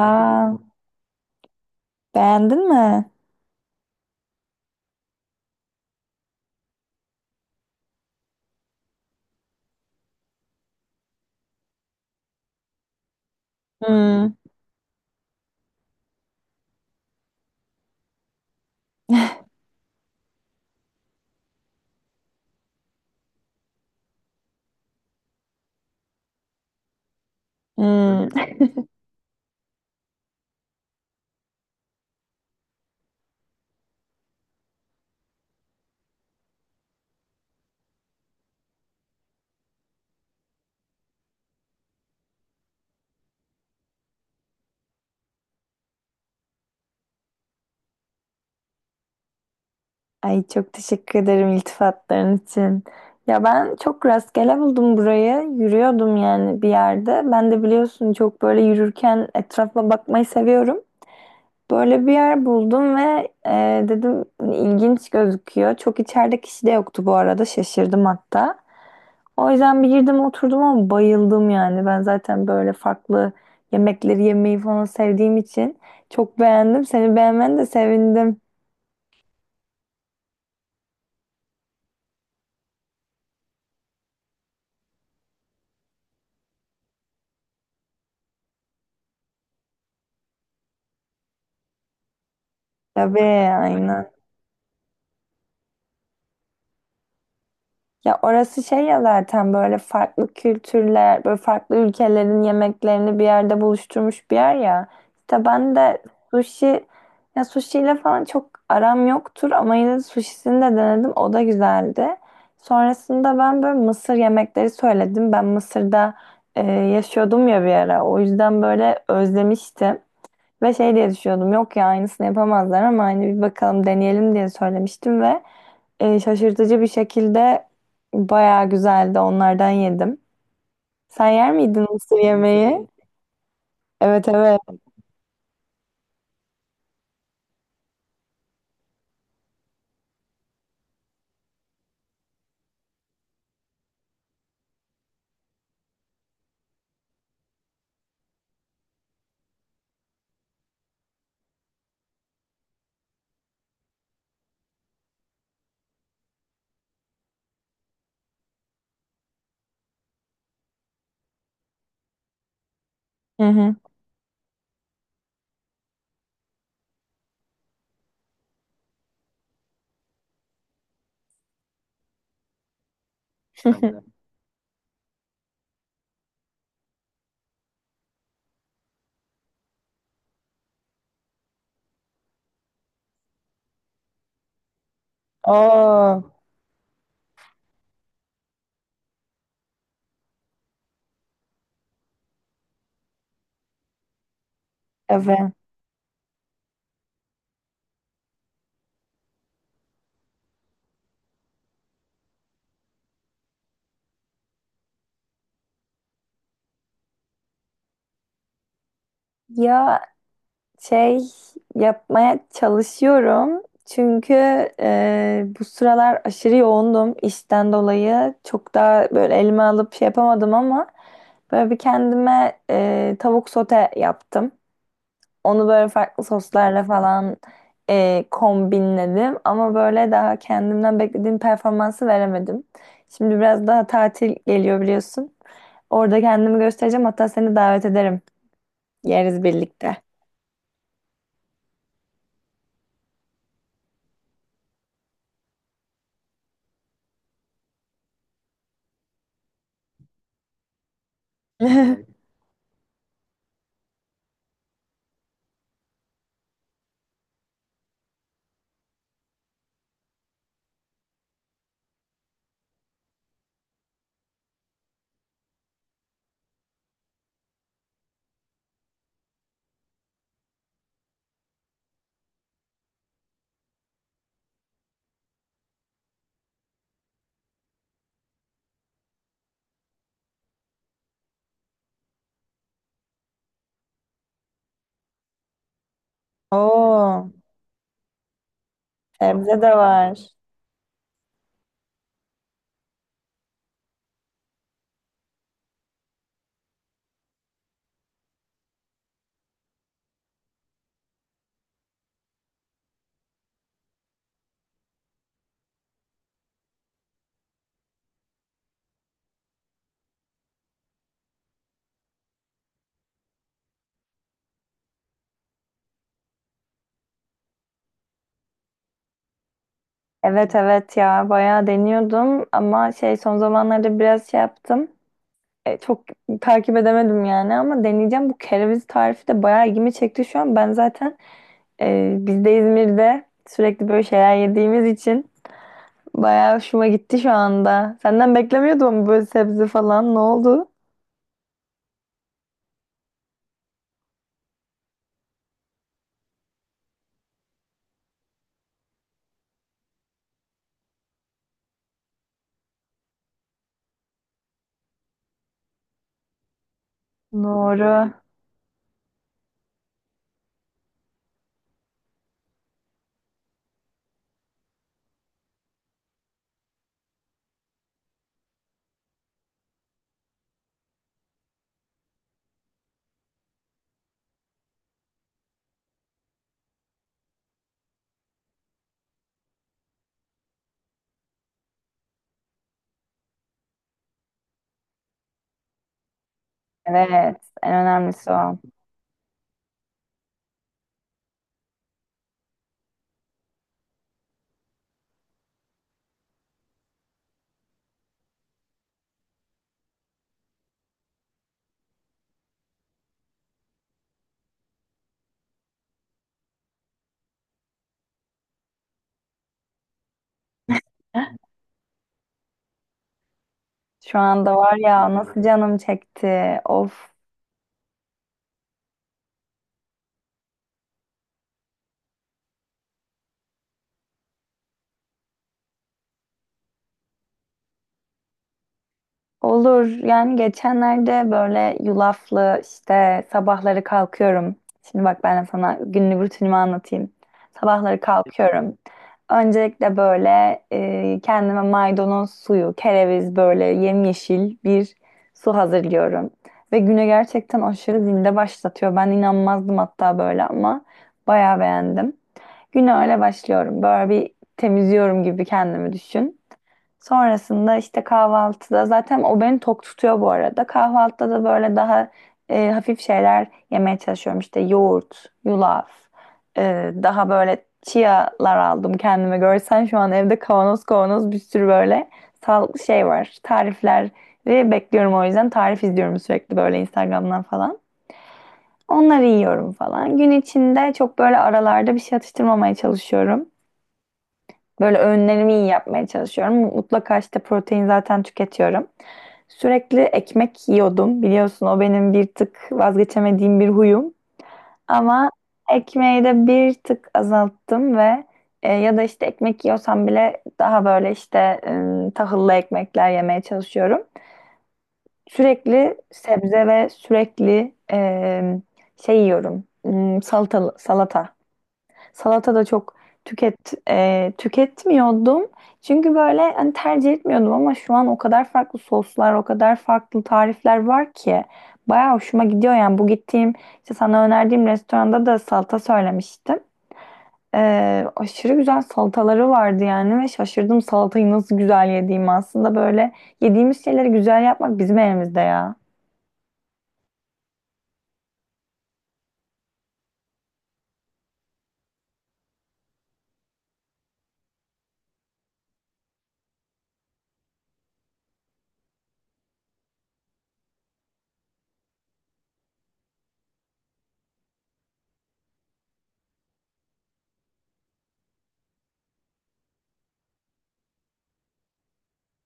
Aa, beğendin mi? Hmm, hmm. Ay çok teşekkür ederim iltifatların için. Ya ben çok rastgele buldum burayı. Yürüyordum yani bir yerde. Ben de biliyorsun çok böyle yürürken etrafa bakmayı seviyorum. Böyle bir yer buldum ve dedim hani ilginç gözüküyor. Çok içeride kişi de yoktu bu arada. Şaşırdım hatta. O yüzden bir girdim oturdum ama bayıldım yani. Ben zaten böyle farklı yemekleri yemeyi falan sevdiğim için çok beğendim. Seni beğenmen de sevindim. Tabii, aynen. Ya orası şey ya zaten böyle farklı kültürler, böyle farklı ülkelerin yemeklerini bir yerde buluşturmuş bir yer ya. İşte ben de sushi, ya sushi ile falan çok aram yoktur ama yine de sushisini de denedim. O da güzeldi. Sonrasında ben böyle Mısır yemekleri söyledim. Ben Mısır'da yaşıyordum ya bir ara. O yüzden böyle özlemiştim. Ve şey diye düşünüyordum yok ya aynısını yapamazlar ama hani bir bakalım deneyelim diye söylemiştim ve şaşırtıcı bir şekilde bayağı güzeldi onlardan yedim. Sen yer miydin Mısır yemeği? Evet, evet. Hı hı. Oo, evet. Ya şey, yapmaya çalışıyorum. Çünkü bu sıralar aşırı yoğundum işten dolayı. Çok daha böyle elime alıp şey yapamadım ama böyle bir kendime tavuk sote yaptım. Onu böyle farklı soslarla falan kombinledim. Ama böyle daha kendimden beklediğim performansı veremedim. Şimdi biraz daha tatil geliyor biliyorsun. Orada kendimi göstereceğim. Hatta seni davet ederim. Yeriz birlikte. Oo, sebze de var. Evet, evet, ya bayağı deniyordum ama şey son zamanlarda biraz şey yaptım. Çok takip edemedim yani ama deneyeceğim. Bu kereviz tarifi de bayağı ilgimi çekti şu an. Ben zaten biz de İzmir'de sürekli böyle şeyler yediğimiz için bayağı hoşuma gitti şu anda. Senden beklemiyordum ama böyle sebze falan. Ne oldu? Doğru. Evet, en önemlisi o. Şu anda var ya nasıl canım çekti. Of. Olur. Yani geçenlerde böyle yulaflı işte sabahları kalkıyorum. Şimdi bak ben de sana günlük rutinimi anlatayım. Sabahları kalkıyorum. Öncelikle böyle kendime maydanoz suyu, kereviz böyle yemyeşil bir su hazırlıyorum. Ve güne gerçekten aşırı zinde başlatıyor. Ben inanmazdım hatta böyle ama bayağı beğendim. Güne öyle başlıyorum. Böyle bir temizliyorum gibi kendimi düşün. Sonrasında işte kahvaltıda zaten o beni tok tutuyor bu arada. Kahvaltıda da böyle daha hafif şeyler yemeye çalışıyorum. İşte yoğurt, yulaf, daha böyle chia'lar aldım kendime. Görsen şu an evde kavanoz kavanoz bir sürü böyle sağlıklı şey var. Tarifleri bekliyorum o yüzden tarif izliyorum sürekli böyle Instagram'dan falan. Onları yiyorum falan. Gün içinde çok böyle aralarda bir şey atıştırmamaya çalışıyorum. Böyle öğünlerimi iyi yapmaya çalışıyorum. Mutlaka işte protein zaten tüketiyorum. Sürekli ekmek yiyordum. Biliyorsun o benim bir tık vazgeçemediğim bir huyum. Ama ekmeği de bir tık azalttım ve ya da işte ekmek yiyorsam bile daha böyle işte tahıllı ekmekler yemeye çalışıyorum. Sürekli sebze ve sürekli şey yiyorum. Hmm, salatalı, salata. Salata da çok tüketmiyordum. Çünkü böyle hani tercih etmiyordum ama şu an o kadar farklı soslar, o kadar farklı tarifler var ki bayağı hoşuma gidiyor yani. Bu gittiğim işte sana önerdiğim restoranda da salata söylemiştim. Aşırı güzel salataları vardı yani ve şaşırdım salatayı nasıl güzel yediğimi. Aslında böyle yediğimiz şeyleri güzel yapmak bizim elimizde ya.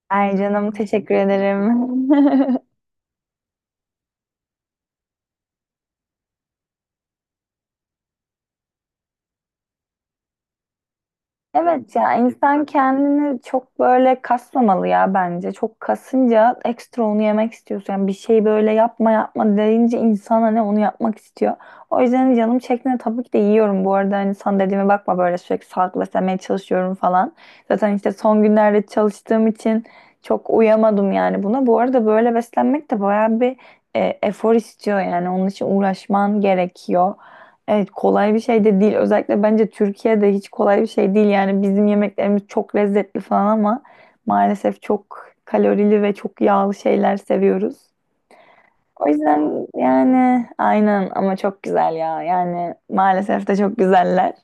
Ay canım teşekkür ederim. Evet ya insan kendini çok böyle kasmamalı ya bence. Çok kasınca ekstra onu yemek istiyorsun. Yani bir şey böyle yapma yapma deyince insan hani onu yapmak istiyor. O yüzden canım çektiğinde tabii ki de yiyorum bu arada. Hani sana dediğime bakma böyle sürekli sağlıklı beslenmeye çalışıyorum falan. Zaten işte son günlerde çalıştığım için çok uyamadım yani buna. Bu arada böyle beslenmek de bayağı bir efor istiyor yani. Onun için uğraşman gerekiyor. Evet kolay bir şey de değil. Özellikle bence Türkiye'de hiç kolay bir şey değil. Yani bizim yemeklerimiz çok lezzetli falan ama maalesef çok kalorili ve çok yağlı şeyler seviyoruz. O yüzden yani aynen ama çok güzel ya. Yani maalesef de çok güzeller.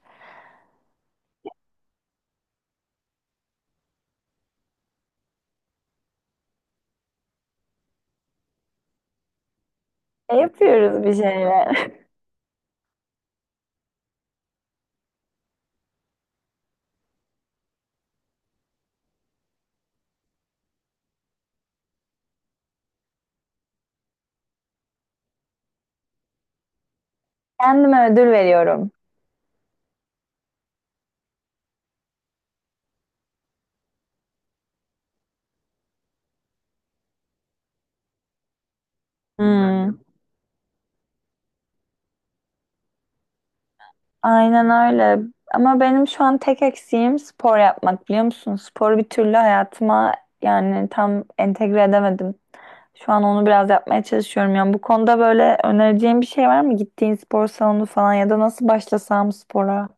E, yapıyoruz bir şeyler. Kendime ödül veriyorum. Hmm, aynen öyle. Ama benim şu an tek eksiğim spor yapmak biliyor musun? Sporu bir türlü hayatıma yani tam entegre edemedim. Şu an onu biraz yapmaya çalışıyorum. Yani bu konuda böyle önereceğim bir şey var mı? Gittiğin spor salonu falan ya da nasıl başlasam spora?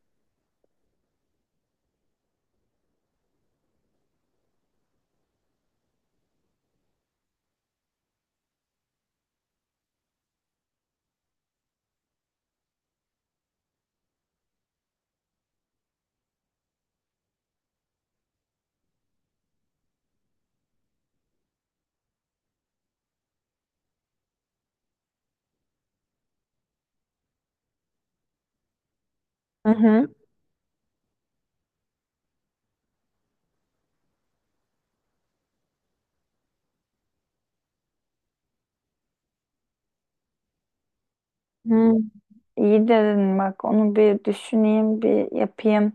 Hı hı. Hı. İyi dedin bak onu bir düşüneyim bir yapayım.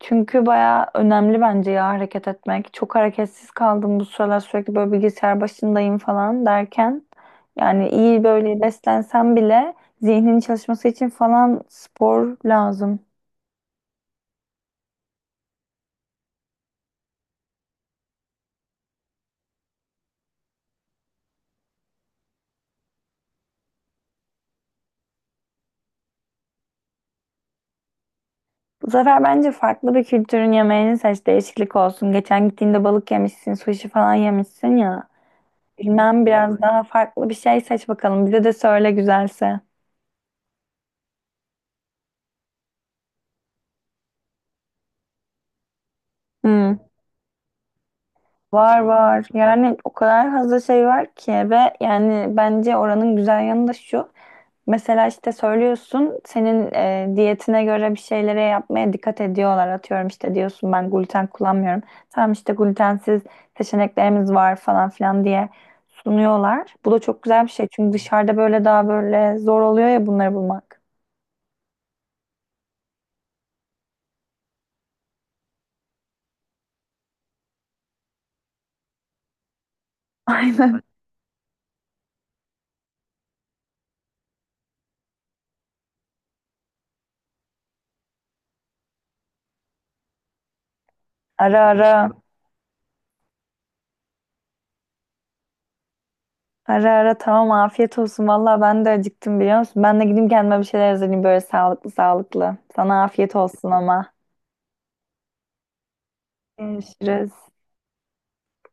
Çünkü baya önemli bence ya hareket etmek. Çok hareketsiz kaldım bu sıralar sürekli böyle bilgisayar başındayım falan derken. Yani iyi böyle beslensem bile zihnin çalışması için falan spor lazım. Bu sefer bence farklı bir kültürün yemeğini seç, değişiklik olsun. Geçen gittiğinde balık yemişsin, sushi falan yemişsin ya. Bilmem biraz daha farklı bir şey seç bakalım. Bize de söyle güzelse. Hmm. Var var. Yani o kadar fazla şey var ki ve yani bence oranın güzel yanı da şu. Mesela işte söylüyorsun senin diyetine göre bir şeylere yapmaya dikkat ediyorlar. Atıyorum işte diyorsun ben gluten kullanmıyorum. Tamam işte glutensiz seçeneklerimiz var falan filan diye sunuyorlar. Bu da çok güzel bir şey çünkü dışarıda böyle daha böyle zor oluyor ya bunları bulmak. Aynen. Ara ara, ara ara, tamam afiyet olsun. Valla ben de acıktım biliyor musun? Ben de gideyim kendime bir şeyler hazırlayayım böyle sağlıklı sağlıklı. Sana afiyet olsun ama. Görüşürüz.